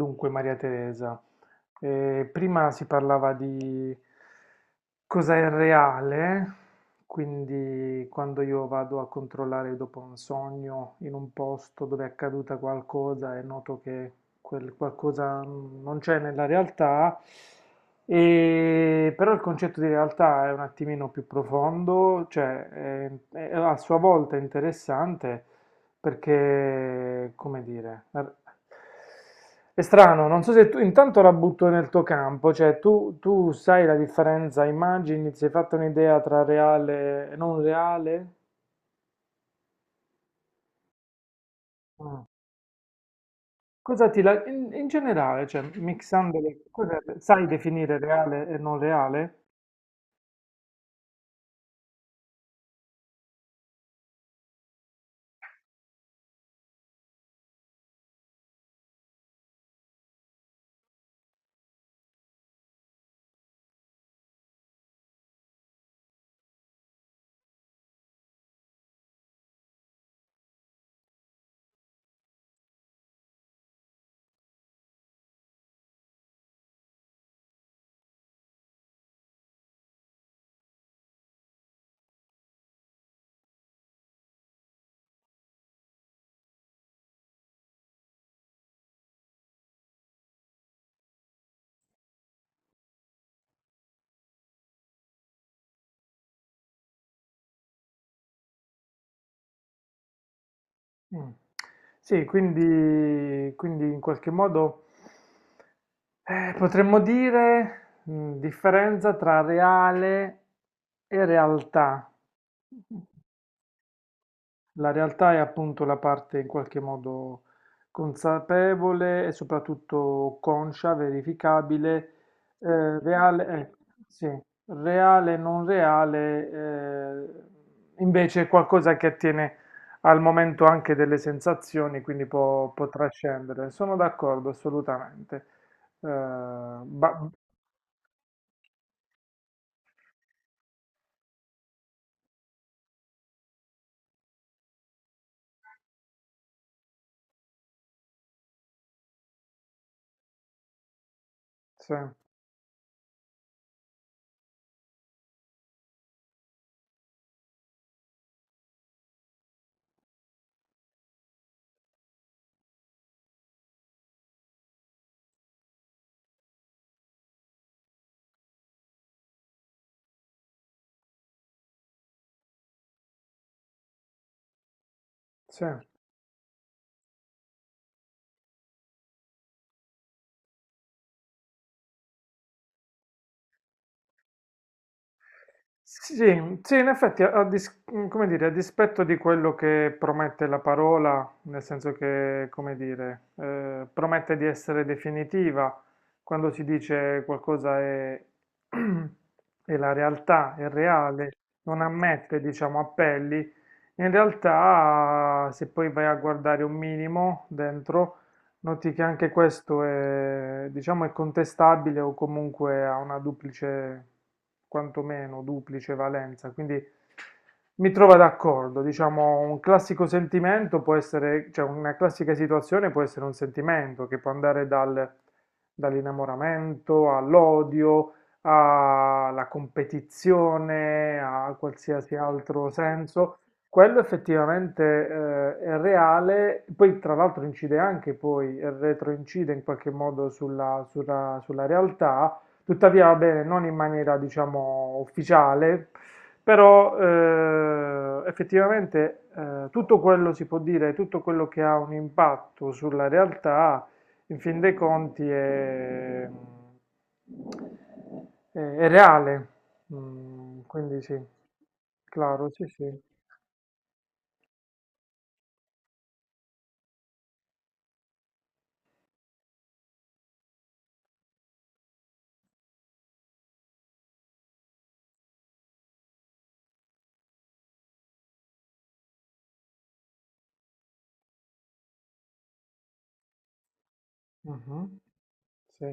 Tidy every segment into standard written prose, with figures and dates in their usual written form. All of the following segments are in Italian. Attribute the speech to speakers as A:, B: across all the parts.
A: Dunque, Maria Teresa, prima si parlava di cosa è reale, quindi quando io vado a controllare dopo un sogno in un posto dove è accaduta qualcosa e noto che quel qualcosa non c'è nella realtà, però il concetto di realtà è un attimino più profondo, cioè è a sua volta interessante perché, come dire, è strano, non so se tu intanto la butto nel tuo campo, cioè tu sai la differenza, immagini, si è fatta un'idea tra reale e non reale? Mm. Cosa in generale, cioè mixandole, sai definire reale e non reale? Mm. Sì, quindi in qualche modo potremmo dire differenza tra reale e realtà. La realtà è appunto la parte in qualche modo consapevole e soprattutto conscia, verificabile, reale, sì, reale, non reale, invece è qualcosa che attiene al momento anche delle sensazioni, quindi può trascendere. Sono d'accordo, assolutamente. Eh, ba- sì, sì. Sì, sì, in effetti, come dire, a dispetto di quello che promette la parola, nel senso che, come dire, promette di essere definitiva, quando si dice qualcosa è, è la realtà, è reale, non ammette, diciamo, appelli, in realtà, se poi vai a guardare un minimo dentro, noti che anche questo è, diciamo, è contestabile o comunque ha una duplice, quantomeno duplice valenza, quindi mi trovo d'accordo, diciamo, un classico sentimento può essere, cioè una classica situazione può essere un sentimento che può andare dall'innamoramento all'odio, alla competizione, a qualsiasi altro senso. Quello effettivamente, è reale, poi tra l'altro incide anche poi, retroincide in qualche modo sulla, sulla realtà, tuttavia va bene, non in maniera diciamo ufficiale, però effettivamente tutto quello si può dire, tutto quello che ha un impatto sulla realtà, in fin dei conti è, è reale. Quindi sì, claro, sì sì. Mh-mh. Sì,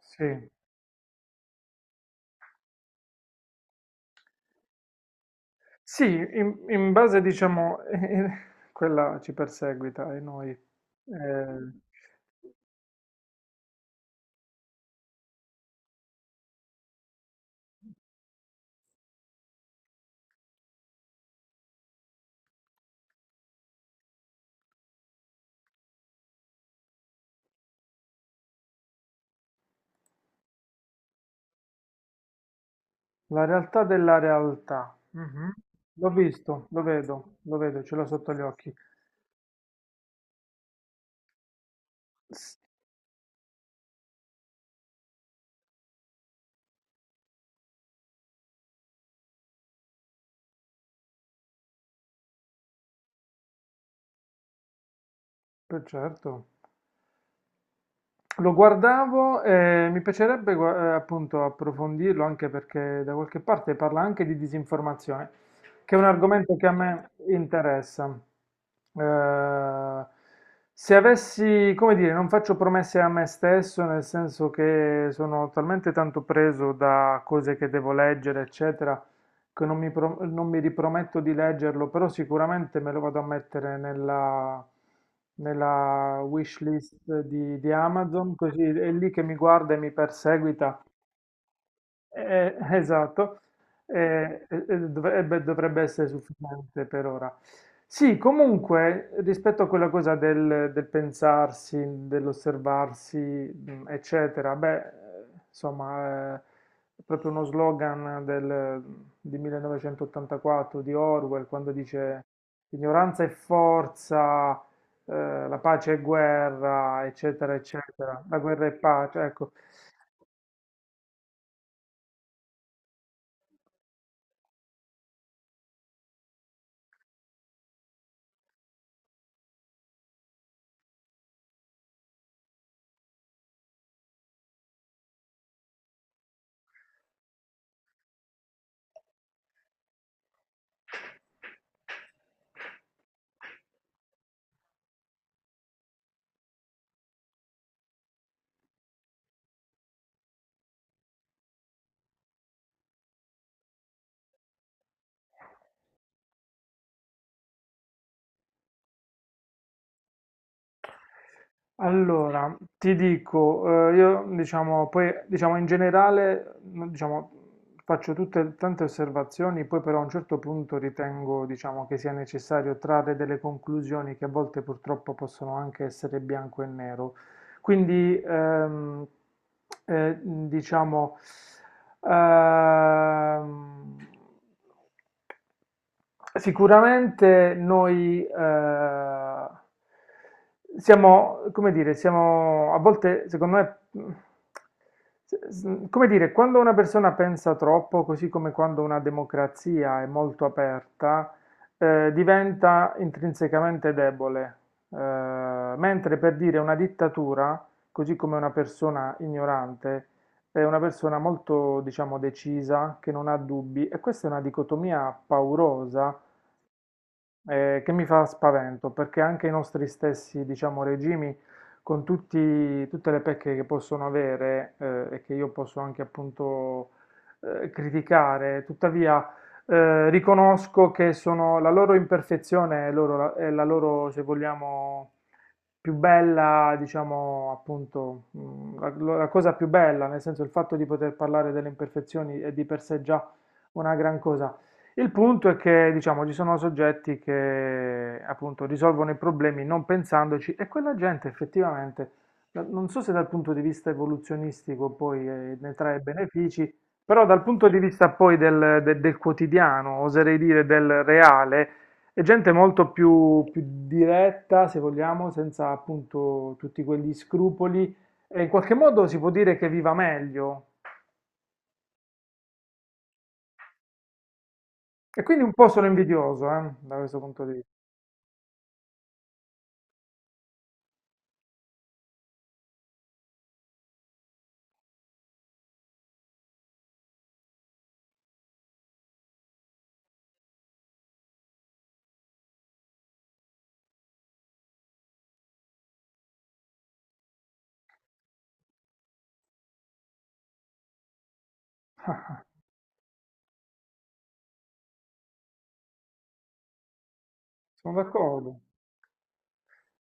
A: sì. Sì, in in base diciamo quella ci perseguita e noi. Ehm, la realtà della realtà. Mh-mh. L'ho visto, lo vedo, ce l'ho sotto gli occhi. S per certo. Lo guardavo e mi piacerebbe appunto approfondirlo anche perché da qualche parte parla anche di disinformazione, che è un argomento che a me interessa. Eh, se avessi, come dire, non faccio promesse a me stesso, nel senso che sono talmente tanto preso da cose che devo leggere, eccetera, che non mi, non mi riprometto di leggerlo, però sicuramente me lo vado a mettere nella, nella wish list di Amazon, così è lì che mi guarda e mi perseguita esatto. Dovrebbe essere sufficiente per ora. Sì, comunque, rispetto a quella cosa del pensarsi, dell'osservarsi, eccetera, beh, insomma, è proprio uno slogan di 1984 di Orwell quando dice ignoranza è forza, la pace è guerra, eccetera, eccetera, la guerra è pace, ecco. Allora, ti dico, io diciamo, poi diciamo in generale, no, diciamo, faccio tutte tante osservazioni, poi però a un certo punto ritengo, diciamo, che sia necessario trarre delle conclusioni che a volte purtroppo possono anche essere bianco e nero. Quindi, diciamo, ehm, sicuramente noi siamo, come dire, siamo a volte, secondo me, come dire, quando una persona pensa troppo, così come quando una democrazia è molto aperta, diventa intrinsecamente debole. Mentre per dire una dittatura, così come una persona ignorante, è una persona molto, diciamo, decisa, che non ha dubbi, e questa è una dicotomia paurosa che mi fa spavento, perché anche i nostri stessi, diciamo, regimi, con tutte le pecche che possono avere e che io posso anche appunto criticare, tuttavia riconosco che sono la loro imperfezione è, è la loro, se vogliamo, più bella, diciamo, appunto, la cosa più bella, nel senso il fatto di poter parlare delle imperfezioni è di per sé già una gran cosa. Il punto è che, diciamo, ci sono soggetti che appunto risolvono i problemi non pensandoci e quella gente effettivamente, non so se dal punto di vista evoluzionistico poi ne trae benefici, però dal punto di vista poi del quotidiano, oserei dire del reale, è gente molto più diretta, se vogliamo, senza appunto tutti quegli scrupoli e in qualche modo si può dire che viva meglio. E quindi un po' sono invidioso, da questo punto di vista. Sono d'accordo.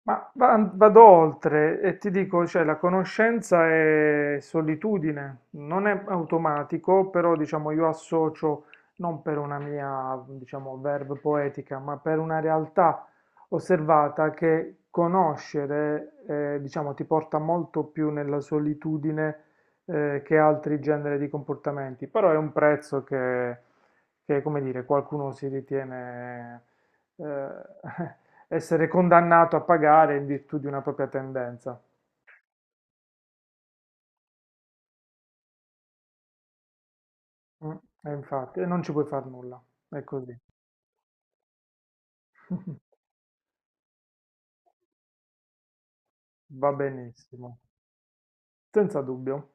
A: Ma vado oltre e ti dico, cioè, la conoscenza è solitudine, non è automatico, però diciamo io associo non per una mia, diciamo, verve poetica, ma per una realtà osservata che conoscere, diciamo, ti porta molto più nella solitudine, che altri generi di comportamenti, però è un prezzo che, come dire, qualcuno si ritiene eh, essere condannato a pagare in virtù di una propria tendenza. Mm, E infatti, e non ci puoi far nulla. È così. Va benissimo. Senza dubbio.